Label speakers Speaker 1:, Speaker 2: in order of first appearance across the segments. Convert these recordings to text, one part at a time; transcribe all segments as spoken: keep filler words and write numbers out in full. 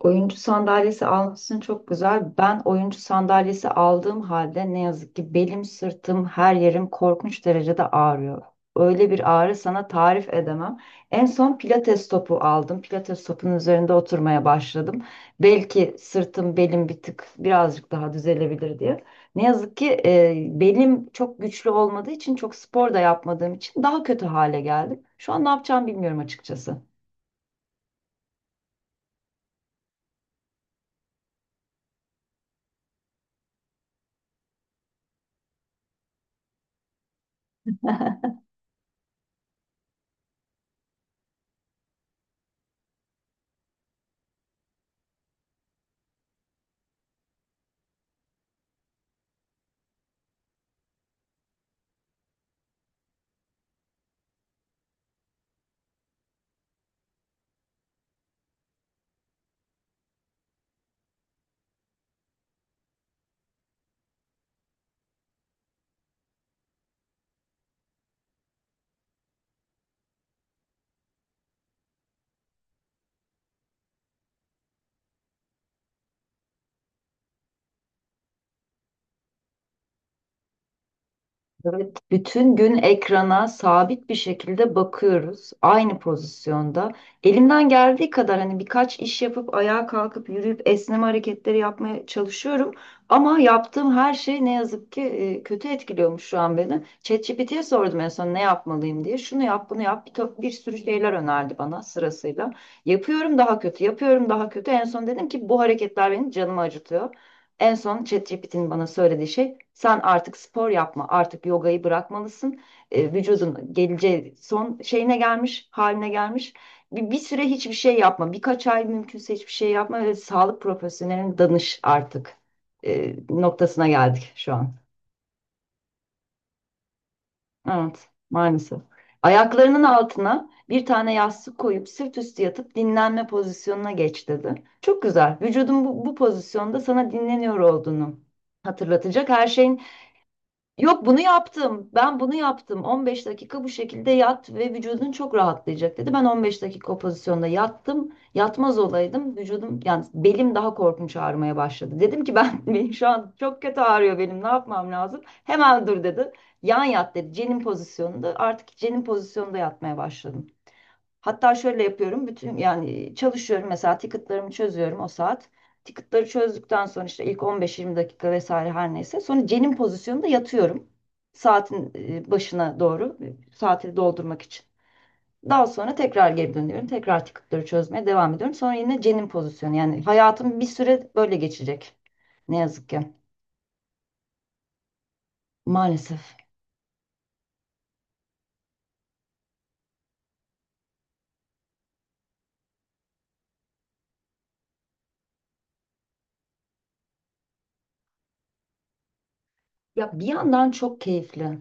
Speaker 1: Oyuncu sandalyesi almışsın çok güzel. Ben oyuncu sandalyesi aldığım halde ne yazık ki belim, sırtım, her yerim korkunç derecede ağrıyor. Öyle bir ağrı sana tarif edemem. En son pilates topu aldım. Pilates topunun üzerinde oturmaya başladım. Belki sırtım, belim bir tık birazcık daha düzelebilir diye. Ne yazık ki e, belim çok güçlü olmadığı için çok spor da yapmadığım için daha kötü hale geldim. Şu an ne yapacağımı bilmiyorum açıkçası. Evet, bütün gün ekrana sabit bir şekilde bakıyoruz. Aynı pozisyonda. Elimden geldiği kadar hani birkaç iş yapıp ayağa kalkıp yürüyüp esneme hareketleri yapmaya çalışıyorum. Ama yaptığım her şey ne yazık ki e, kötü etkiliyormuş şu an beni. ChatGPT'ye sordum en son ne yapmalıyım diye. Şunu yap, bunu yap. Bir, to- bir sürü şeyler önerdi bana sırasıyla. Yapıyorum daha kötü, yapıyorum daha kötü. En son dedim ki bu hareketler benim canımı acıtıyor. En son ChatGPT'nin bana söylediği şey sen artık spor yapma, artık yogayı bırakmalısın. E, vücudun geleceği son şeyine gelmiş, haline gelmiş. Bir, bir süre hiçbir şey yapma, birkaç ay mümkünse hiçbir şey yapma ve sağlık profesyoneline danış artık e, noktasına geldik şu an. Evet, maalesef. Ayaklarının altına bir tane yastık koyup sırt üstü yatıp dinlenme pozisyonuna geç dedi. Çok güzel. Vücudun bu, bu pozisyonda sana dinleniyor olduğunu hatırlatacak her şeyin. Yok bunu yaptım. Ben bunu yaptım. on beş dakika bu şekilde yat ve vücudun çok rahatlayacak dedi. Ben on beş dakika o pozisyonda yattım. Yatmaz olaydım. Vücudum yani belim daha korkunç ağrımaya başladı. Dedim ki ben benim şu an çok kötü ağrıyor benim. Ne yapmam lazım? Hemen dur dedi. Yan yat dedi. Cenin pozisyonunda. Artık cenin pozisyonunda yatmaya başladım. Hatta şöyle yapıyorum. Bütün yani çalışıyorum mesela ticketlarımı çözüyorum o saat. Ticketları çözdükten sonra işte ilk on beş yirmi dakika vesaire her neyse. Sonra cenin pozisyonunda yatıyorum. Saatin e, başına doğru e, saati doldurmak için. Daha sonra tekrar geri dönüyorum. Tekrar ticketları çözmeye devam ediyorum. Sonra yine cenin pozisyonu. Yani hayatım bir süre böyle geçecek. Ne yazık ki. Maalesef. Ya bir yandan çok keyifli.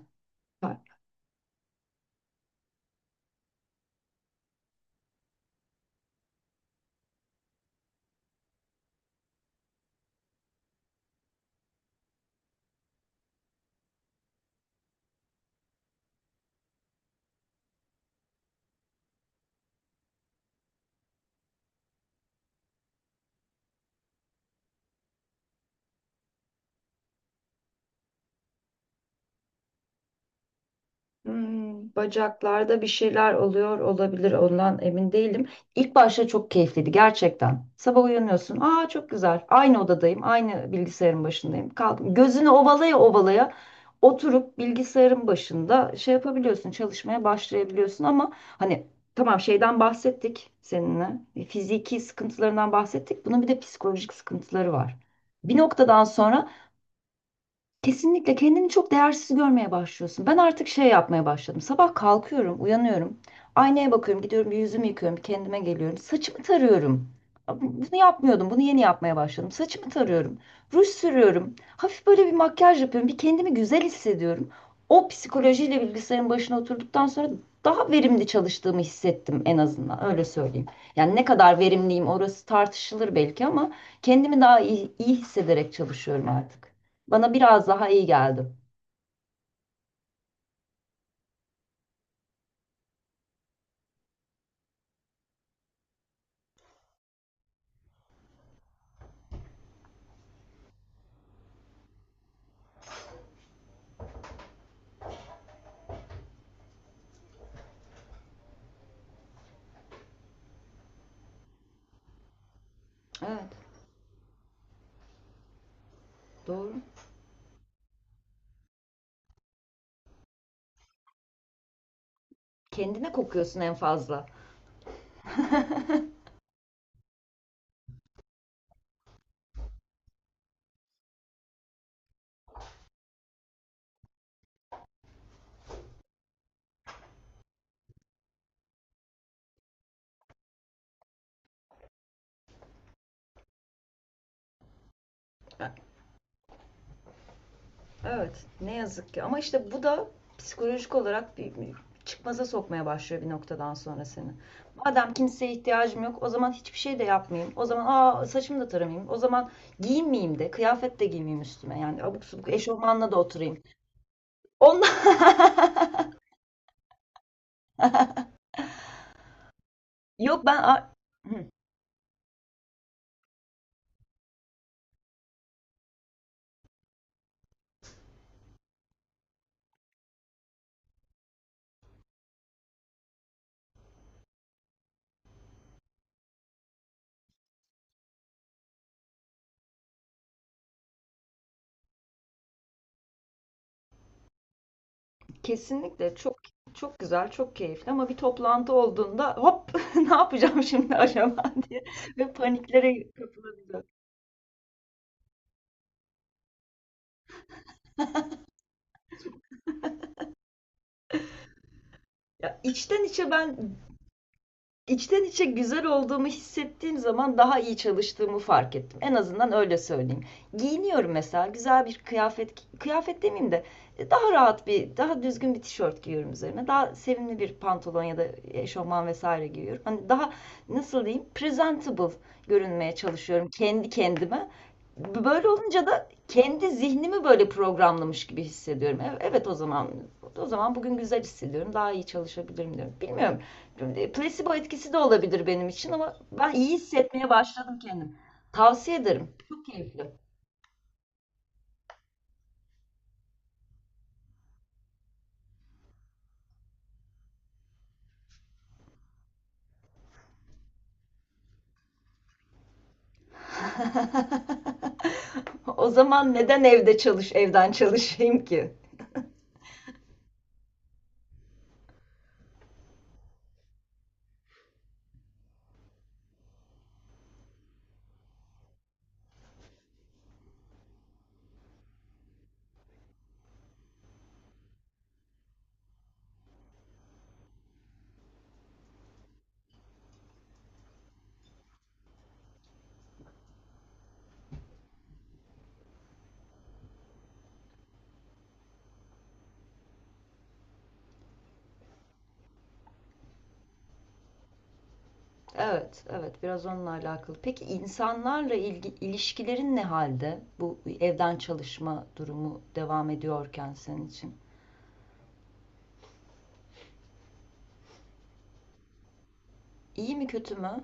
Speaker 1: Hmm, bacaklarda bir şeyler oluyor olabilir ondan emin değilim. İlk başta çok keyifliydi gerçekten. Sabah uyanıyorsun. Aa çok güzel. Aynı odadayım. Aynı bilgisayarın başındayım. Kaldım. Gözünü ovalaya ovalaya oturup bilgisayarın başında şey yapabiliyorsun. Çalışmaya başlayabiliyorsun ama hani tamam şeyden bahsettik seninle. Fiziki sıkıntılarından bahsettik. Bunun bir de psikolojik sıkıntıları var. Bir noktadan sonra kesinlikle kendini çok değersiz görmeye başlıyorsun. Ben artık şey yapmaya başladım. Sabah kalkıyorum, uyanıyorum. Aynaya bakıyorum, gidiyorum bir yüzümü yıkıyorum, kendime geliyorum. Saçımı tarıyorum. Bunu yapmıyordum, bunu yeni yapmaya başladım. Saçımı tarıyorum, ruj sürüyorum. Hafif böyle bir makyaj yapıyorum, bir kendimi güzel hissediyorum. O psikolojiyle bilgisayarın başına oturduktan sonra daha verimli çalıştığımı hissettim en azından, öyle söyleyeyim. Yani ne kadar verimliyim orası tartışılır belki ama kendimi daha iyi, iyi hissederek çalışıyorum artık. Bana biraz daha iyi geldi. Evet, doğru. Kendine kokuyorsun en fazla. Evet, ne yazık ki. Ama işte bu da psikolojik olarak bir, bir çıkmaza sokmaya başlıyor bir noktadan sonra seni. Madem kimseye ihtiyacım yok, o zaman hiçbir şey de yapmayayım. O zaman aa saçımı da taramayayım. O zaman giyinmeyeyim de, kıyafet de giymeyeyim üstüme. Yani abuk subuk eşofmanla da oturayım. Ondan... Yok ben... a- Hı. Kesinlikle çok çok güzel, çok keyifli ama bir toplantı olduğunda hop ne yapacağım şimdi acaba diye ve paniklere kapılabiliyorum. Ya içten içe ben İçten içe güzel olduğumu hissettiğim zaman daha iyi çalıştığımı fark ettim. En azından öyle söyleyeyim. Giyiniyorum mesela güzel bir kıyafet, kıyafet demeyeyim de e, daha rahat bir, daha düzgün bir tişört giyiyorum üzerine. Daha sevimli bir pantolon ya da eşofman vesaire giyiyorum. Hani daha nasıl diyeyim presentable görünmeye çalışıyorum kendi kendime. Böyle olunca da kendi zihnimi böyle programlamış gibi hissediyorum. E- Evet o zaman o zaman bugün güzel hissediyorum. Daha iyi çalışabilirim diyorum. Bilmiyorum. E, Placebo etkisi de olabilir benim için ama ben iyi hissetmeye başladım kendim. Tavsiye ederim. Çok keyifli. O zaman neden evde çalış, evden çalışayım ki? Evet, evet biraz onunla alakalı. Peki insanlarla ilgi, ilişkilerin ne halde? Bu evden çalışma durumu devam ediyorken senin için. İyi mi kötü mü?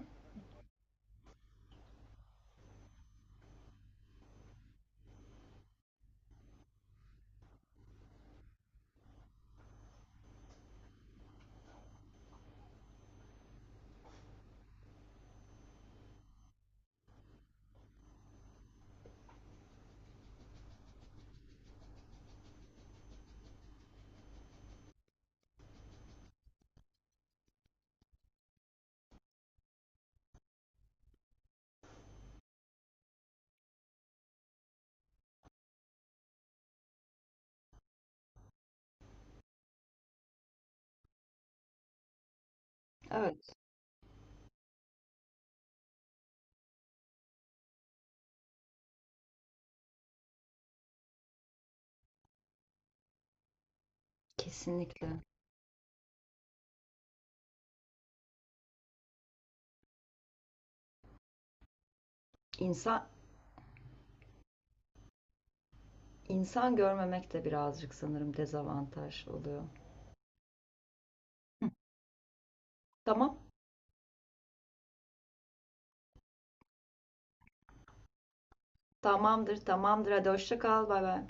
Speaker 1: Evet, kesinlikle. İnsan insan görmemek de birazcık sanırım dezavantaj oluyor. Hı, tamam. Tamamdır, tamamdır. Hadi hoşça kal. Bay bay.